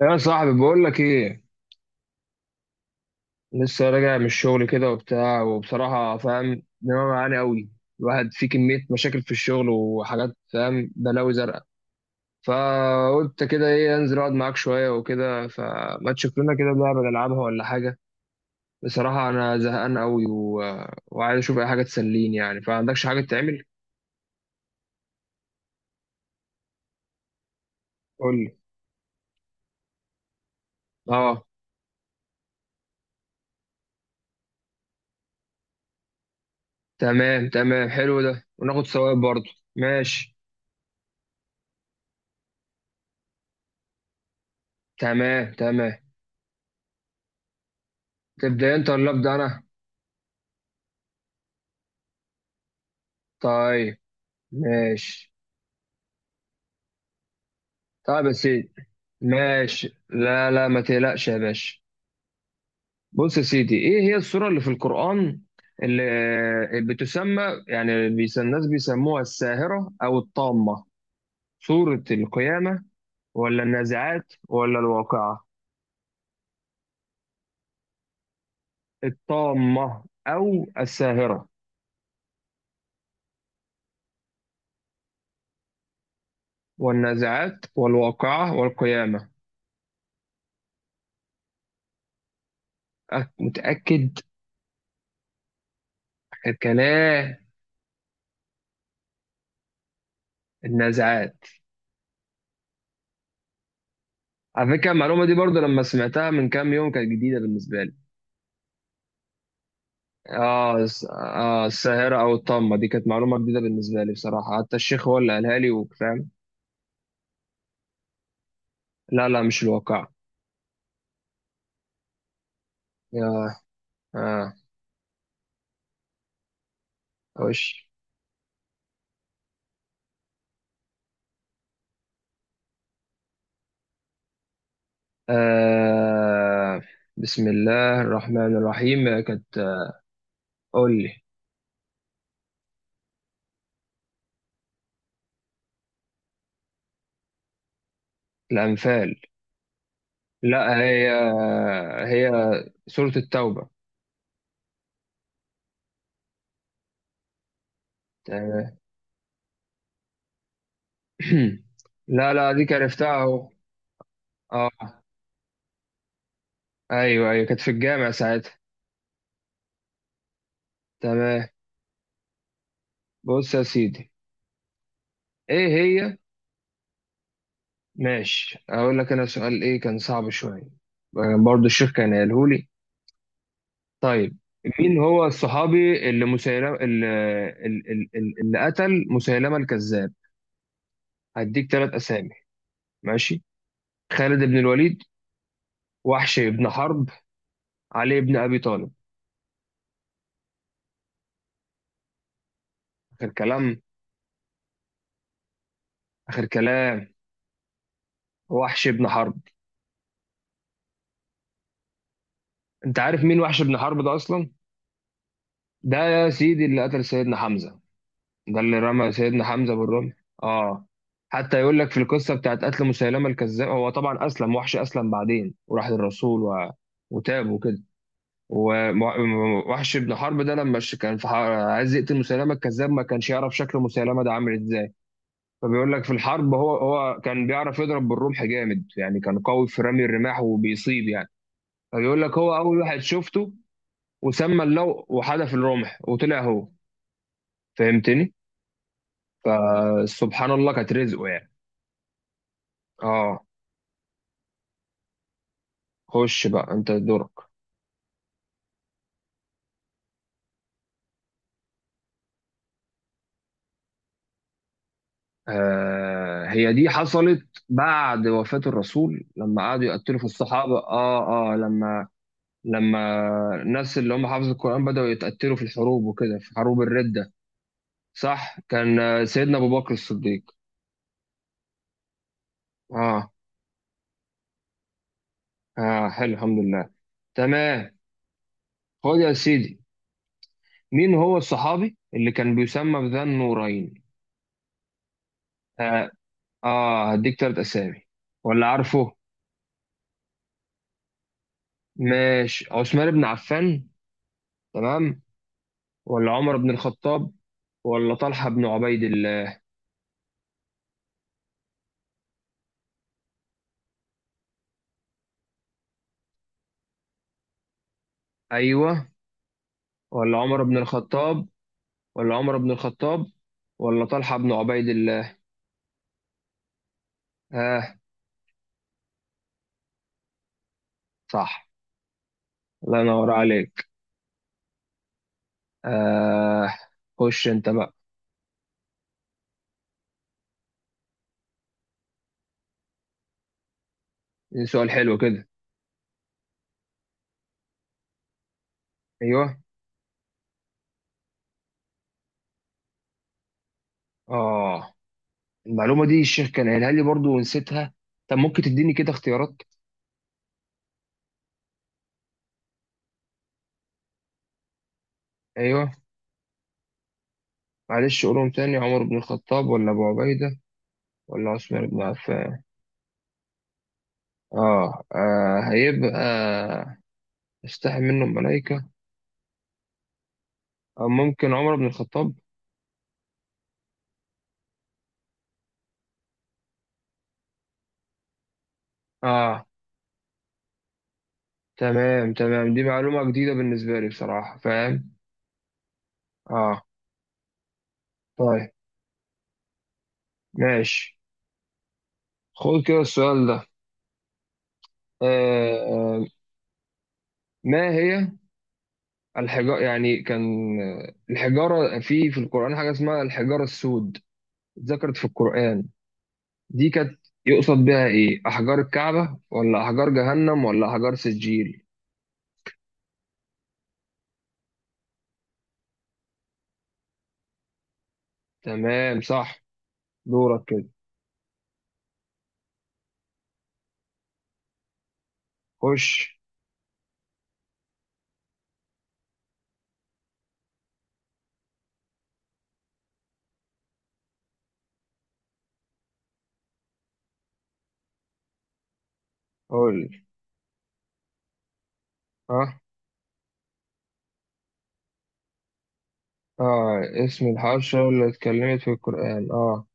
يا صاحبي بقول لك ايه، لسه راجع من الشغل كده وبتاع، وبصراحه فاهم دماغي معاني قوي. الواحد فيه كميه مشاكل في الشغل وحاجات، فاهم، بلاوي زرقاء. فقلت كده ايه، انزل اقعد معاك شويه وكده، فما تشوف لنا كده لعبه نلعبها ولا حاجه. بصراحه انا زهقان قوي و... وعايز اشوف اي حاجه تسليني يعني. فعندكش حاجه تعمل؟ قول لي. اه، تمام تمام، حلو ده وناخد ثواب برضه. ماشي. تمام تمام. تبدا انت ولا ابدا انا؟ طيب. ماشي. طيب يا سيدي. ماشي، لا لا، ما تقلقش يا باشا. بص يا سيدي، ايه هي السورة اللي في القرآن اللي بتسمى يعني الناس بيسموها الساهرة أو الطامة؟ سورة القيامة ولا النازعات ولا الواقعة؟ الطامة أو الساهرة. والنازعات والواقعة والقيامة. متأكد كلام. النازعات. على فكرة المعلومة دي برضو لما سمعتها من كام يوم كانت جديدة بالنسبة لي. اه الساهرة او الطامة دي كانت معلومة جديدة بالنسبة لي بصراحة، حتى الشيخ هو اللي قالها لي وفاهم. لا لا، مش الواقع. يا، اه، وش، آه بسم الله الرحمن الرحيم كانت قول لي. الأنفال. لا، هي، هي سورة التوبة. آه، لا لا دي كان عرفتها اهو. اه. ايوه ايوه، كانت في الجامع ساعتها. تمام. بص يا سيدي، ايه هي، ماشي اقول لك انا سؤال ايه كان صعب شويه. برضو الشيخ كان قاله لي. طيب. مين هو الصحابي اللي مسيلمه اللي, اللي قتل مسيلمه الكذاب؟ هديك ثلاث اسامي. ماشي. خالد بن الوليد، وحش بن حرب، علي بن ابي طالب. اخر كلام؟ اخر كلام. وحش بن حرب. انت عارف مين وحش بن حرب ده اصلا؟ ده يا سيدي اللي قتل سيدنا حمزه، ده اللي رمى سيدنا حمزة بالرمح. اه. حتى يقول لك في القصة بتاعت قتل مسيلمة الكذاب، هو طبعا أسلم، وحش أسلم بعدين وراح للرسول و... وتاب وكده. ووحش بن حرب ده لما كان في عايز يقتل مسيلمة الكذاب، ما كانش يعرف شكل مسيلمة ده عامل ازاي. فبيقول لك في الحرب هو كان بيعرف يضرب بالرمح جامد، يعني كان قوي في رمي الرماح وبيصيب يعني. فبيقول لك هو أول واحد شفته، وسمى اللو وحدف الرمح وطلع هو. فهمتني؟ سبحان الله كانت رزقه يعني. اه. خش بقى انت دورك. آه هي دي حصلت بعد وفاة الرسول، لما قعدوا يقتلوا في الصحابة، اه لما الناس اللي هم حافظوا القرآن بدأوا يتقتلوا في الحروب وكده، في حروب الردة. صح، كان سيدنا أبو بكر الصديق. اه. اه حلو، الحمد لله. تمام. خد يا سيدي، مين هو الصحابي اللي كان بيسمى بذا النورين؟ اه, هديك تلات أسامي. ولا عارفه؟ ماشي، عثمان بن عفان، تمام، ولا عمر بن الخطاب ولا طلحة بن عبيد الله. أيوة، ولا عمر بن الخطاب، ولا عمر بن الخطاب ولا طلحة بن عبيد الله. آه. صح. الله ينور عليك. آه. خش أنت بقى. دي سؤال حلو كده. أيوة. آه. المعلومة دي الشيخ كان قايلها لي برضو ونسيتها. طب ممكن تديني كده اختيارات؟ أيوة. معلش قولهم تاني، عمر بن الخطاب ولا أبو عبيدة ولا عثمان بن عفان. آه هيبقى استحي منه الملائكة. أو ممكن عمر بن الخطاب. اه. تمام تمام، دي معلومة جديدة بالنسبة لي بصراحة، فاهم. اه. طيب. ماشي. خد كده السؤال ده. آه ما هي الحجارة، يعني كان، الحجارة، في القرآن حاجة اسمها الحجارة السود ذكرت في القرآن. دي كانت يقصد بها ايه، أحجار الكعبة ولا أحجار جهنم ولا أحجار سجيل؟ تمام، صح. دورك كده. خش. قول. ها. اه، اسم الحشرة اللي اتكلمت في القرآن، اه.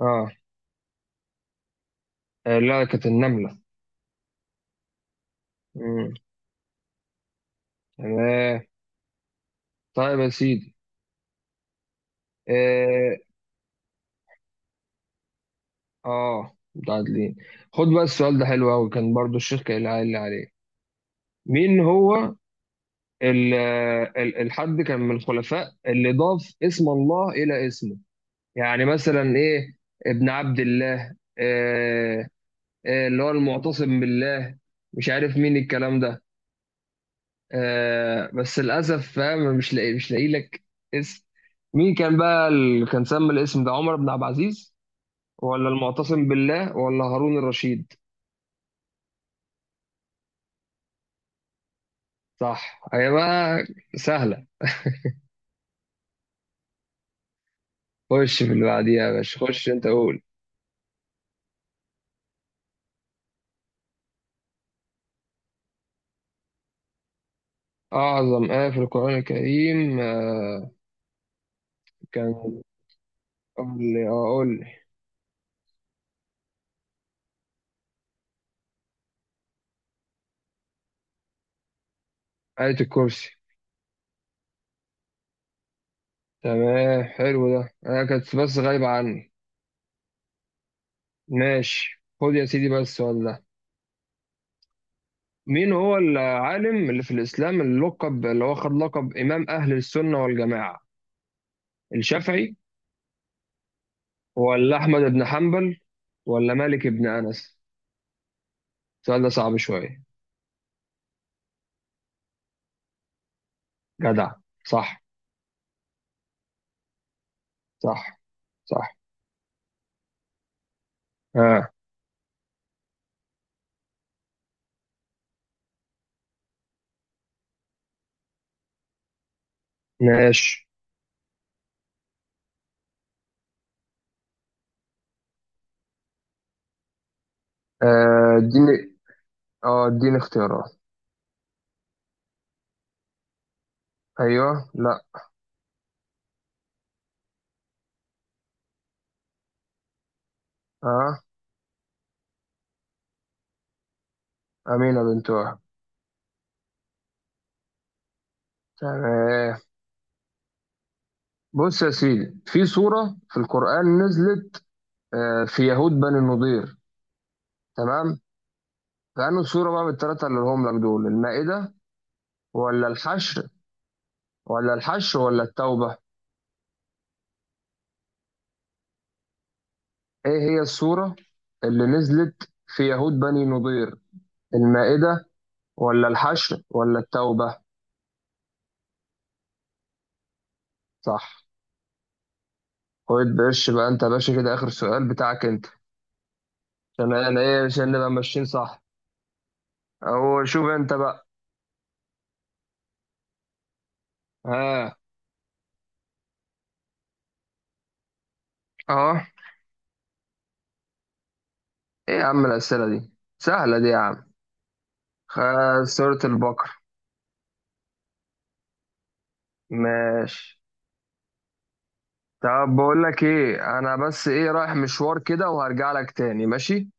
اه. لا، كانت النملة. مم. تمام. طيب يا سيدي. اه. اه، متعادلين. خد بقى السؤال ده، حلو أوي، كان برضو الشيخ اللي قايل عليه. مين هو ال الحد كان من الخلفاء اللي ضاف اسم الله إلى اسمه، يعني مثلا إيه، ابن عبد الله، آه اللي هو المعتصم بالله، مش عارف مين الكلام ده. آه بس للاسف فاهم، مش لاقي لك اسم. مين كان بقى اللي كان سمى الاسم ده، عمر بن عبد العزيز ولا المعتصم بالله ولا هارون الرشيد؟ صح. هي بقى سهله. خش في اللي بعديها يا باشا، خش انت قول. اعظم ايه في القران الكريم آه، كان قول لي. اه، قول لي. ايه الكرسي. تمام، حلو ده، انا كانت بس غايبه عني. ماشي، خد يا سيدي بس ولا. مين هو العالم اللي في الإسلام اللي لقب، اللي هو خد لقب إمام أهل السنة والجماعة؟ الشافعي ولا أحمد بن حنبل ولا مالك بن أنس؟ السؤال ده صعب شوية. جدع، صح صح صح. آه. ماشي. آه اديني. اه اديني اختيارات. ايوه، لا. اه. امينه بنت وهب. تمام. بص يا سيدي، في سوره في القران نزلت في يهود بني النضير، تمام؟ فانه سوره بقى بالثلاثه اللي هم لك دول، المائده ولا الحشر ولا الحشر ولا التوبة؟ إيه هي السورة اللي نزلت في يهود بني نضير؟ المائدة ولا الحشر ولا التوبة؟ صح. خد بقش بقى أنت يا باشا كده آخر سؤال بتاعك أنت، عشان أنا إيه، عشان نبقى ماشيين صح. أو شوف أنت بقى. ها. أه. إيه يا عم الأسئلة دي، سهلة دي يا عم. سورة البقرة. ماشي. طب بقول لك ايه، انا بس ايه رايح مشوار كده وهرجع لك تاني، ماشي.